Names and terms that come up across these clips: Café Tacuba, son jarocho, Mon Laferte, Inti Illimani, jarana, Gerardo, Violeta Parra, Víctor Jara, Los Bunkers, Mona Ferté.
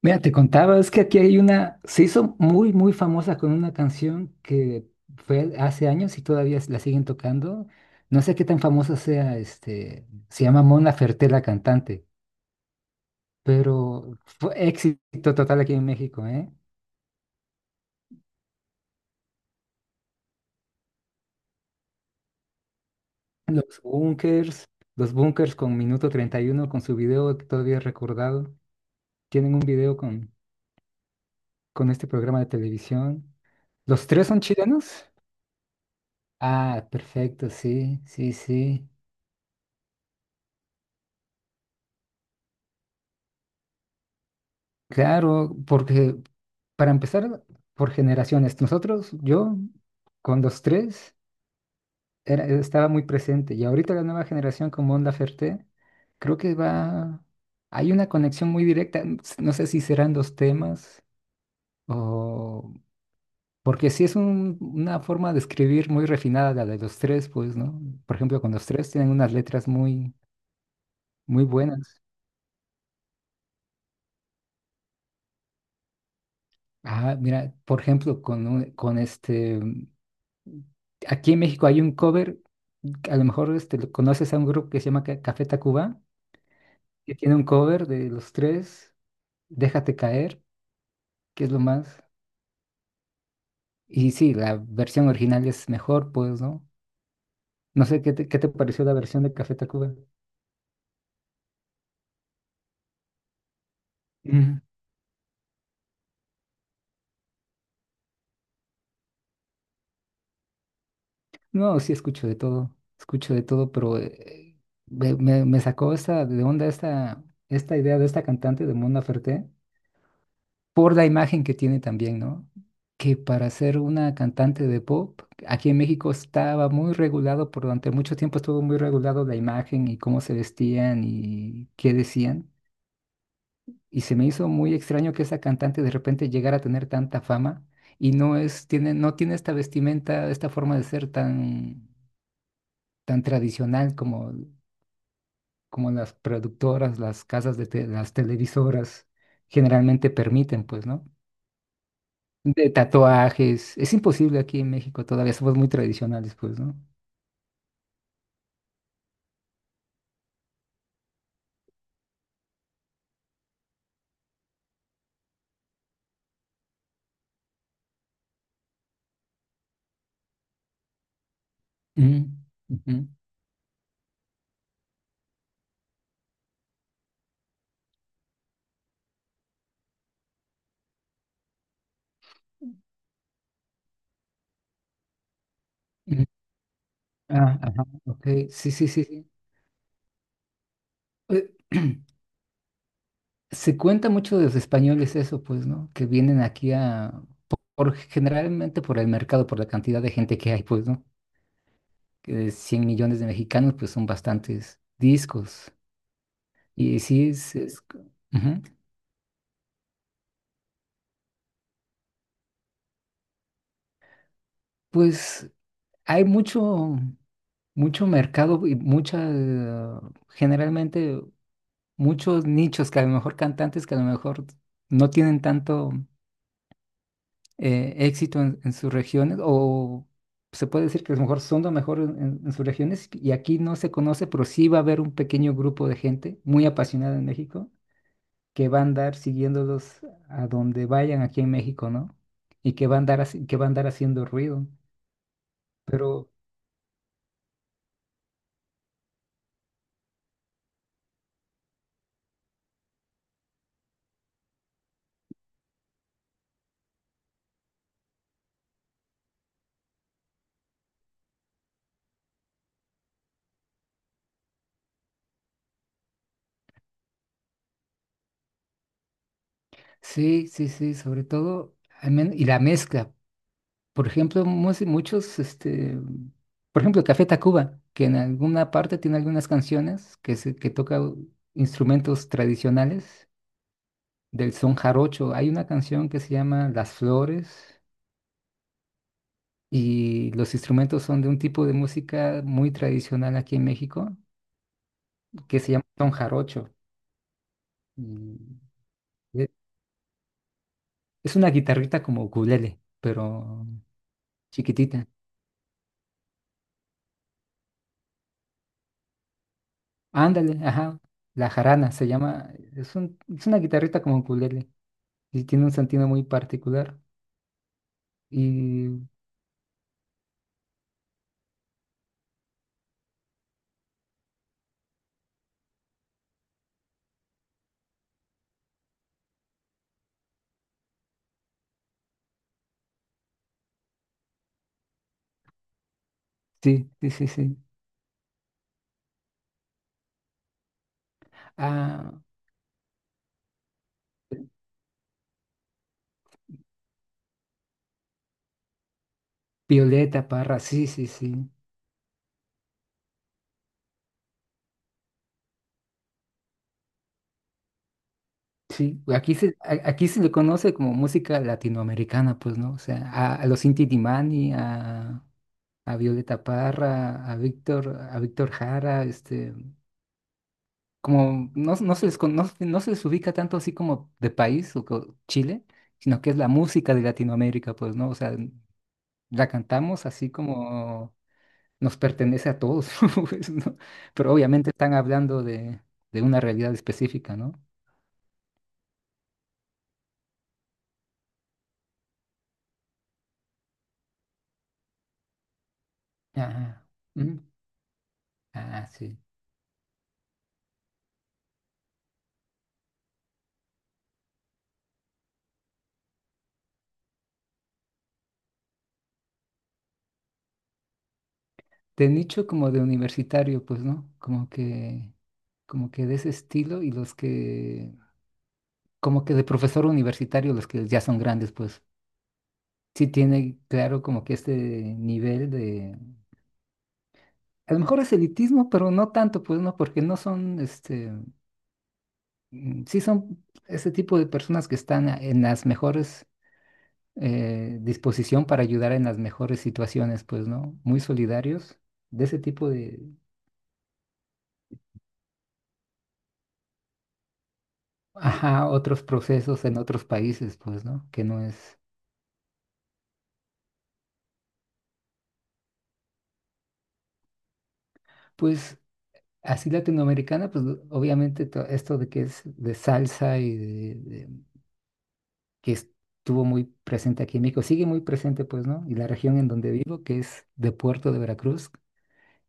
Mira, te contaba, es que aquí hay una, se hizo muy, muy famosa con una canción que fue hace años y todavía la siguen tocando. No sé qué tan famosa sea, se llama Mona Ferté la cantante, pero fue éxito total aquí en México, ¿eh? Los Bunkers, los Bunkers con Minuto 31 con su video que todavía he recordado, tienen un video con este programa de televisión. ¿Los tres son chilenos? Ah, perfecto, sí, sí, sí. Claro, porque para empezar, por generaciones, nosotros, yo, con los tres, era, estaba muy presente y ahorita la nueva generación con Mon Laferte, creo que va, hay una conexión muy directa, no sé si serán dos temas o... Porque sí es una forma de escribir muy refinada la de los tres, pues, ¿no? Por ejemplo, con los tres tienen unas letras muy, muy buenas. Ah, mira, por ejemplo, con este... Aquí en México hay un cover, a lo mejor este, conoces a un grupo que se llama Café Tacuba, que tiene un cover de los tres, Déjate caer, que es lo más. Y sí, la versión original es mejor, pues, ¿no? No sé qué te pareció la versión de Café Tacuba. Ujú. No, sí escucho de todo, pero me sacó esta de onda esta, esta idea de esta cantante de Mona Ferté. Por la imagen que tiene también, ¿no? Que para ser una cantante de pop, aquí en México estaba muy regulado, por durante mucho tiempo estuvo muy regulado la imagen y cómo se vestían y qué decían. Y se me hizo muy extraño que esa cantante de repente llegara a tener tanta fama y no es, tiene, no tiene esta vestimenta, esta forma de ser tan, tan tradicional como, como las productoras, las casas de las televisoras generalmente permiten, pues, ¿no? De tatuajes. Es imposible aquí en México todavía, somos muy tradicionales, pues, ¿no? Mm, ujú, ujú. Ah, ajá, ok, sí, sí, sí, sí. Eh, Se cuenta mucho de los españoles eso, pues, ¿no? Que vienen aquí a, generalmente por el mercado, por la cantidad de gente que hay, pues, ¿no? Que de 100 millones de mexicanos, pues son bastantes discos. Y sí, es, ujú. Pues hay mucho, mucho mercado y mucha, generalmente muchos nichos que a lo mejor cantantes que a lo mejor no tienen tanto éxito en sus regiones o se puede decir que a lo mejor son lo mejor en sus regiones y aquí no se conoce, pero sí va a haber un pequeño grupo de gente muy apasionada en México que va a andar siguiéndolos a donde vayan aquí en México, ¿no? Y que va a andar, haciendo ruido. Pero sí, sí, sí, sobre todo, y la mezcla. Por ejemplo, muchos, por ejemplo, Café Tacuba, que en alguna parte tiene algunas canciones que, se, que toca instrumentos tradicionales del son jarocho. Hay una canción que se llama Las Flores y los instrumentos son de un tipo de música muy tradicional aquí en México que se llama son jarocho. Y e- es una guitarrita como ukulele, pero chiquitita. Ándale, ajá. La jarana se llama, es una guitarrita como ukulele. Sí, tiene un sentido muy particular. Y sí, sí, sí, sí. Ah, Violeta Parra, sí, sí, sí. Sí, aquí se le conoce como música latinoamericana, pues, ¿no? O sea, a los Inti Illimani, a Violeta Parra, a Víctor Jara, como no, no se les conoce, no se les ubica tanto así como de país o Chile, sino que es la música de Latinoamérica, pues, ¿no? O sea, la cantamos así como nos pertenece a todos, pues, ¿no? Pero obviamente están hablando de una realidad específica, ¿no? Ah, mm, ah, sí. De nicho como de universitario, pues, ¿no? Como que de ese estilo y los que, como que de profesor universitario, los que ya son grandes, pues, sí tiene claro como que este nivel de, a lo mejor es elitismo, pero no tanto, pues, ¿no? Porque no son, sí son ese tipo de personas que están en las mejores disposición para ayudar en las mejores situaciones, pues, ¿no? Muy solidarios de ese tipo de, ajá, otros procesos en otros países, pues, ¿no? Que no es, pues, así latinoamericana, pues, obviamente esto de que es de salsa y que estuvo muy presente aquí en México, sigue muy presente, pues, ¿no? Y la región en donde vivo, que es de Puerto de Veracruz,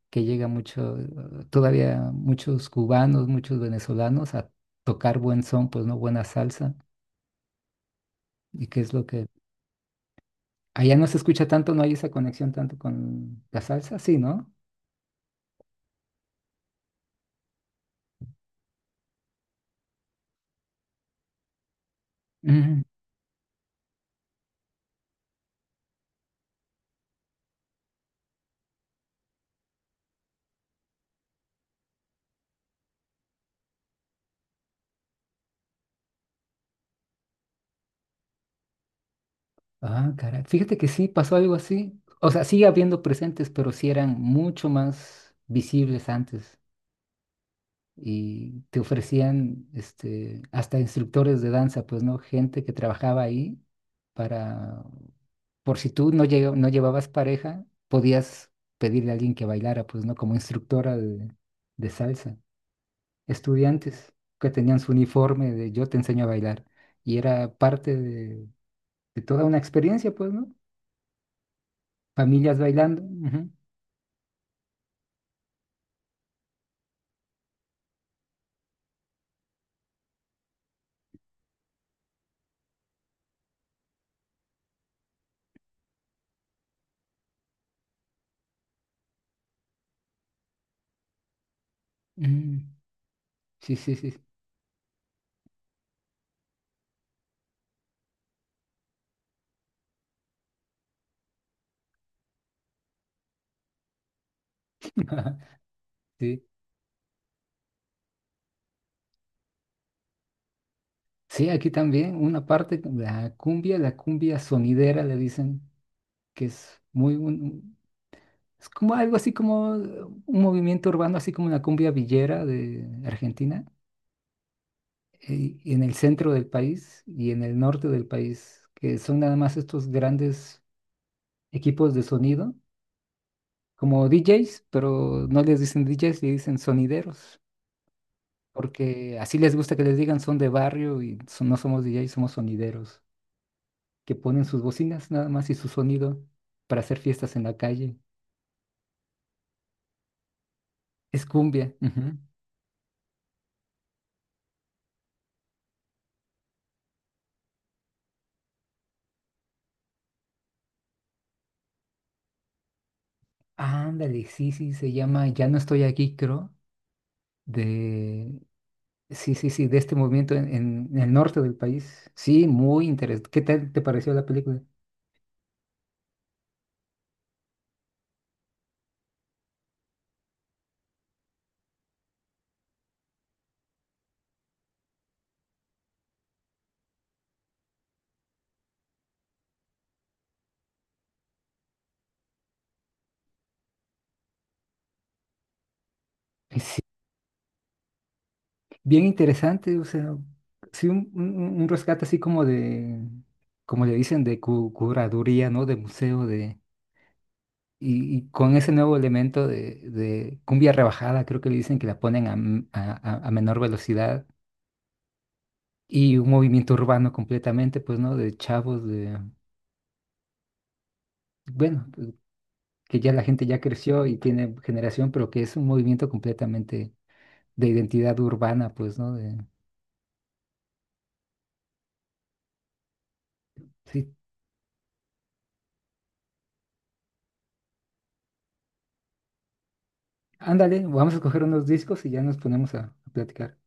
que llega mucho, todavía muchos cubanos, muchos venezolanos a tocar buen son, pues, ¿no? Buena salsa. ¿Y qué es lo que... Allá no se escucha tanto, no hay esa conexión tanto con la salsa, sí, ¿no? Mm. Ah, caray. Fíjate que sí, pasó algo así. O sea, sigue habiendo presentes, pero sí eran mucho más visibles antes. Y te ofrecían hasta instructores de danza, pues, ¿no? Gente que trabajaba ahí para, por si tú no, no llevabas pareja, podías pedirle a alguien que bailara, pues, ¿no? Como instructora de salsa. Estudiantes que tenían su uniforme de yo te enseño a bailar. Y era parte de toda una experiencia, pues, ¿no? Familias bailando. Ujú. Mm. Sí, sí, sí. Sí. Sí, aquí también una parte, la cumbia sonidera le dicen, que es muy, es como algo así como un movimiento urbano, así como la cumbia villera de Argentina, en el centro del país y en el norte del país, que son nada más estos grandes equipos de sonido, como DJs, pero no les dicen DJs, le dicen sonideros, porque así les gusta que les digan son de barrio y no somos DJs, somos sonideros, que ponen sus bocinas nada más y su sonido para hacer fiestas en la calle. Es cumbia. Ujú. Ándale, sí, sí, se llama Ya no estoy aquí, creo, de... Sí, sí, sí, de este movimiento en el norte del país. Sí, muy interesante. ¿Qué tal te pareció la película? Bien interesante, o sea, sí, un rescate así como de, como le dicen, de curaduría, ¿no? De museo, de, y con ese nuevo elemento de cumbia rebajada, creo que le dicen que la ponen a, m- a menor velocidad, y un movimiento urbano completamente, pues, ¿no? De chavos, de, bueno, que ya la gente ya creció y tiene generación, pero que es un movimiento completamente de identidad urbana, pues, ¿no? De, sí, ándale, vamos a coger unos discos y ya nos ponemos a platicar.